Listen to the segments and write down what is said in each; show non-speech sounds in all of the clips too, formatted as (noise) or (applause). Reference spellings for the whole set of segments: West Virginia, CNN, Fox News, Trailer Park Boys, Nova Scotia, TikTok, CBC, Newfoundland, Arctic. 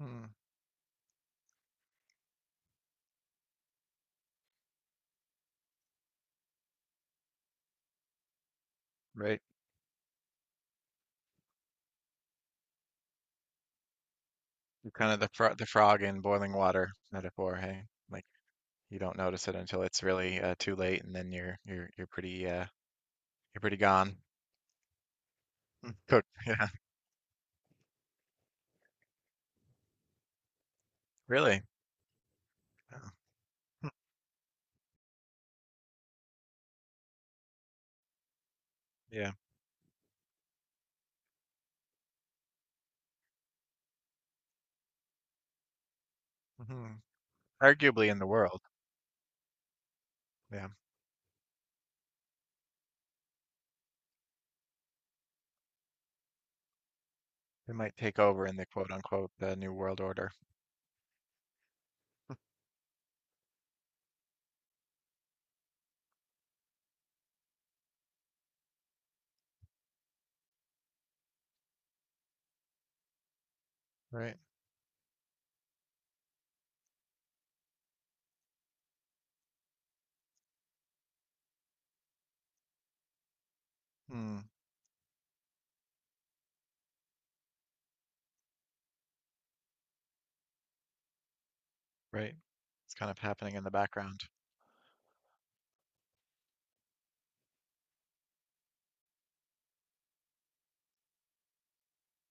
Mm, right. You're kind of the frog in boiling water metaphor, hey? Like you don't notice it until it's really too late, and then you're pretty you're pretty gone. Mm, cooked. (laughs) Yeah, really. Yeah. Hmm, yeah. Mhm. Arguably in the world. Yeah, it might take over in the quote unquote new world order. Right. Mm, right. It's kind of happening in the background.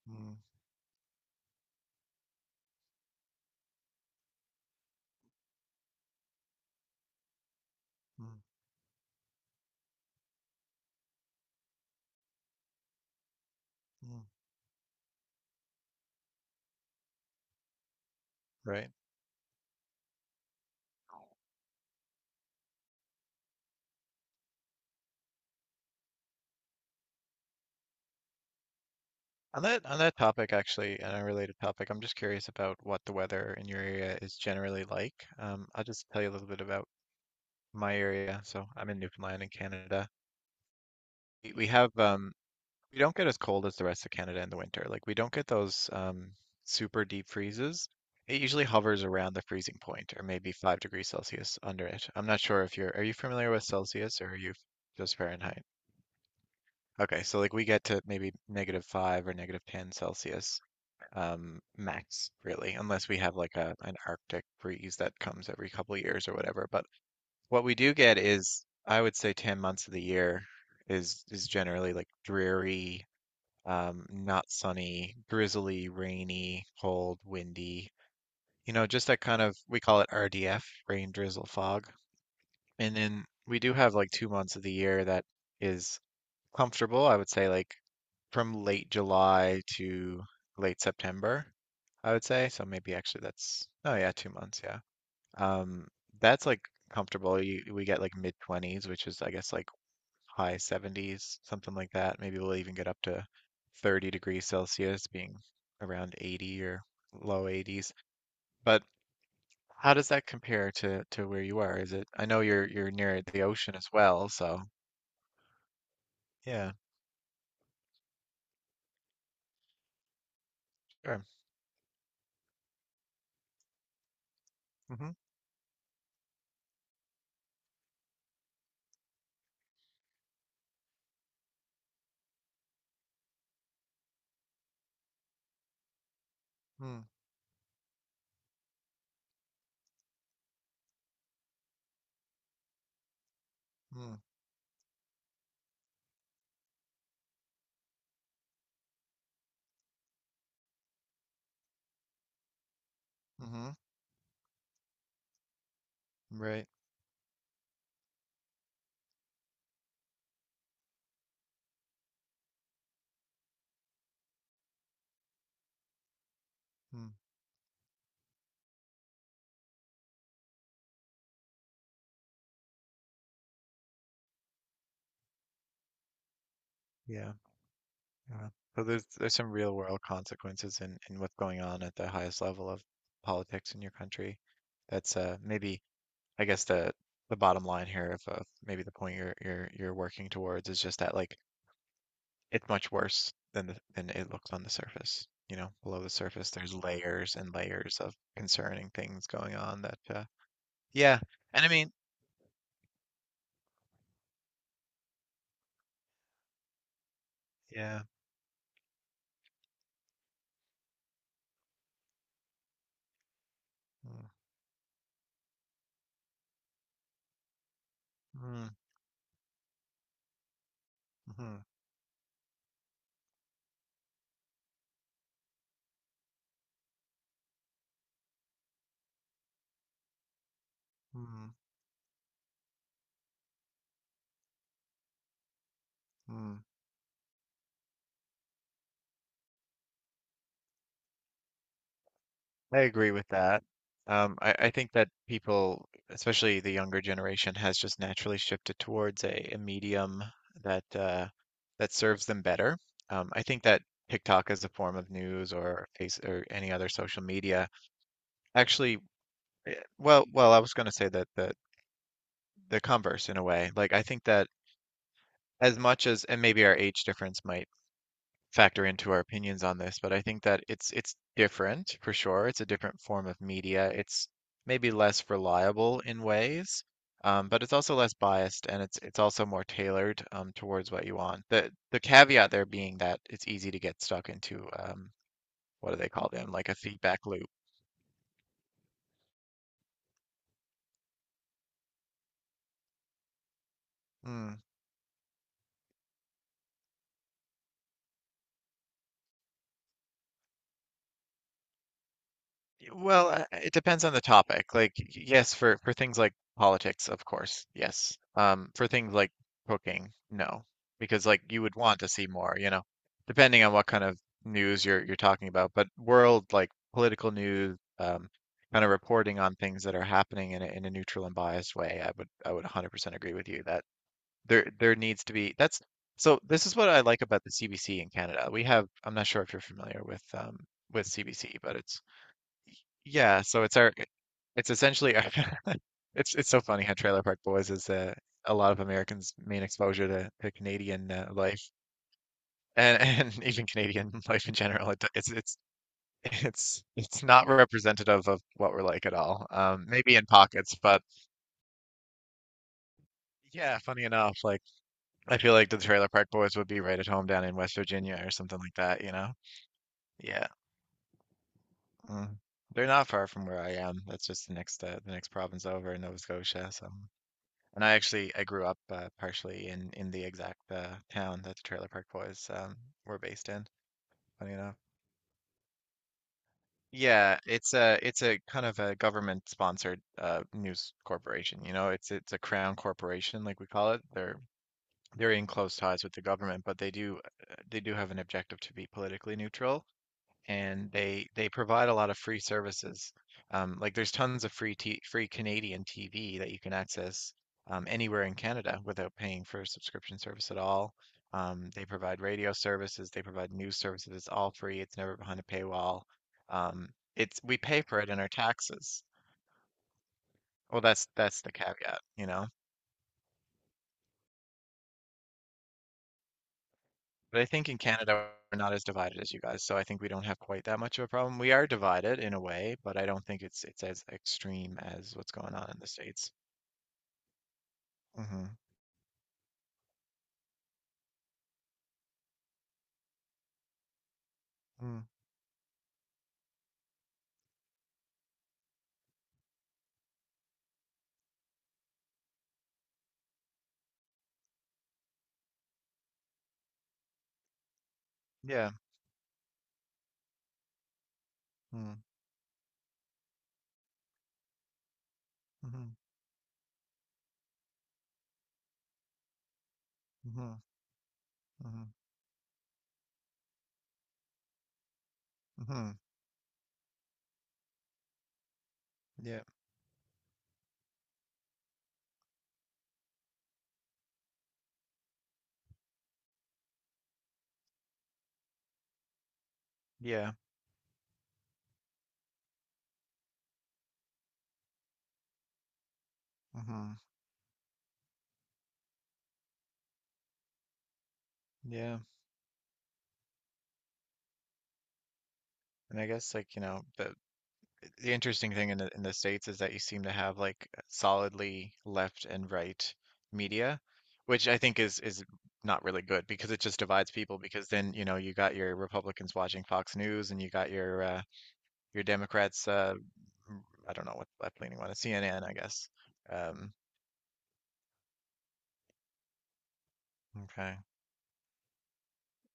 Mm, mm, mm. Right. on that topic, actually, an unrelated topic, I'm just curious about what the weather in your area is generally like. I'll just tell you a little bit about my area. So I'm in Newfoundland in Canada. We have we don't get as cold as the rest of Canada in the winter. Like we don't get those super deep freezes. It usually hovers around the freezing point, or maybe 5 degrees Celsius under it. I'm not sure if you're are you familiar with Celsius, or are you just Fahrenheit? Okay, so like we get to maybe negative five or negative ten Celsius, max, really, unless we have like a an Arctic freeze that comes every couple of years or whatever. But what we do get is, I would say, 10 months of the year is generally like dreary, not sunny, drizzly, rainy, cold, windy. You know, just that kind of, we call it RDF, rain, drizzle, fog. And then we do have like 2 months of the year that is comfortable, I would say, like from late July to late September, I would say. So maybe actually that's, oh yeah, 2 months, yeah. Um, that's like comfortable. We get like mid 20s, which is I guess like high 70s, something like that. Maybe we'll even get up to 30 degrees Celsius, being around 80 or low 80s. But how does that compare to where you are? Is it, I know you're near the ocean as well, so yeah, sure. Mm-hmm. Mm-hmm. Mm-hmm. Right. Mm, yeah. Yeah. So there's some real world consequences in what's going on at the highest level of politics in your country. That's uh, maybe I guess the bottom line here of maybe the point you're working towards is just that, like, it's much worse than than it looks on the surface. You know, below the surface there's layers and layers of concerning things going on that uh, yeah. And I mean, yeah. Mm, mm, mhm, mm, mm. I agree with that. I think that people, especially the younger generation, has just naturally shifted towards a medium that that serves them better. I think that TikTok as a form of news or face or any other social media actually, well, I was going to say that the converse, in a way. Like I think that as much as, and maybe our age difference might factor into our opinions on this, but I think that it's different for sure. It's a different form of media. It's maybe less reliable in ways, but it's also less biased, and it's also more tailored towards what you want. The caveat there being that it's easy to get stuck into what do they call them? Like a feedback loop. Mm. Well, it depends on the topic. Like, yes, for things like politics, of course, yes. For things like cooking, no, because like you would want to see more, you know, depending on what kind of news you're talking about. But world, like political news, kind of reporting on things that are happening in a neutral and biased way, I would, I would 100% agree with you that there needs to be, that's so this is what I like about the CBC in Canada. We have, I'm not sure if you're familiar with um, with CBC, but it's yeah, so it's our it's essentially our- (laughs) it's so funny how Trailer Park Boys is a lot of Americans' main exposure to Canadian life and (laughs) even Canadian life in general. It, It's not representative of what we're like at all. Maybe in pockets, but yeah, funny enough, like I feel like the Trailer Park Boys would be right at home down in West Virginia or something like that, you know? Yeah. Mm. They're not far from where I am. That's just the next province over in Nova Scotia, so. And I actually I grew up partially in the exact town that the Trailer Park Boys were based in. Funny enough. Yeah, it's a, it's a kind of a government sponsored news corporation. You know, it's a crown corporation, like we call it. They're in close ties with the government, but they do have an objective to be politically neutral, and they provide a lot of free services. Like there's tons of free Canadian TV that you can access anywhere in Canada without paying for a subscription service at all. They provide radio services, they provide news services. It's all free. It's never behind a paywall. Um, it's, we pay for it in our taxes. Well, that's the caveat, you know. But I think in Canada we're not as divided as you guys, so I think we don't have quite that much of a problem. We are divided in a way, but I don't think it's as extreme as what's going on in the States. Mhm. Mm. Yeah. Mm. Mhm. Mhm. Mhm. Mhm. Yeah. Yeah. Mhm. Yeah. And I guess like, you know, the interesting thing in the, in the States is that you seem to have like solidly left and right media, which I think is not really good because it just divides people, because then, you know, you got your Republicans watching Fox News and you got your uh, your Democrats uh, I don't know what left leaning one is, CNN, I guess. Um, okay.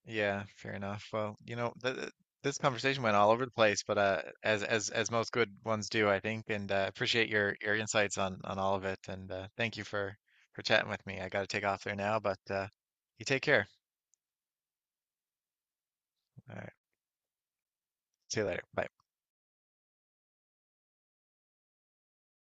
Yeah, fair enough. Well, you know, this conversation went all over the place, but as as most good ones do, I think, and appreciate your insights on all of it, and thank you for chatting with me. I got to take off there now, but you take care. All right, see you later. Bye.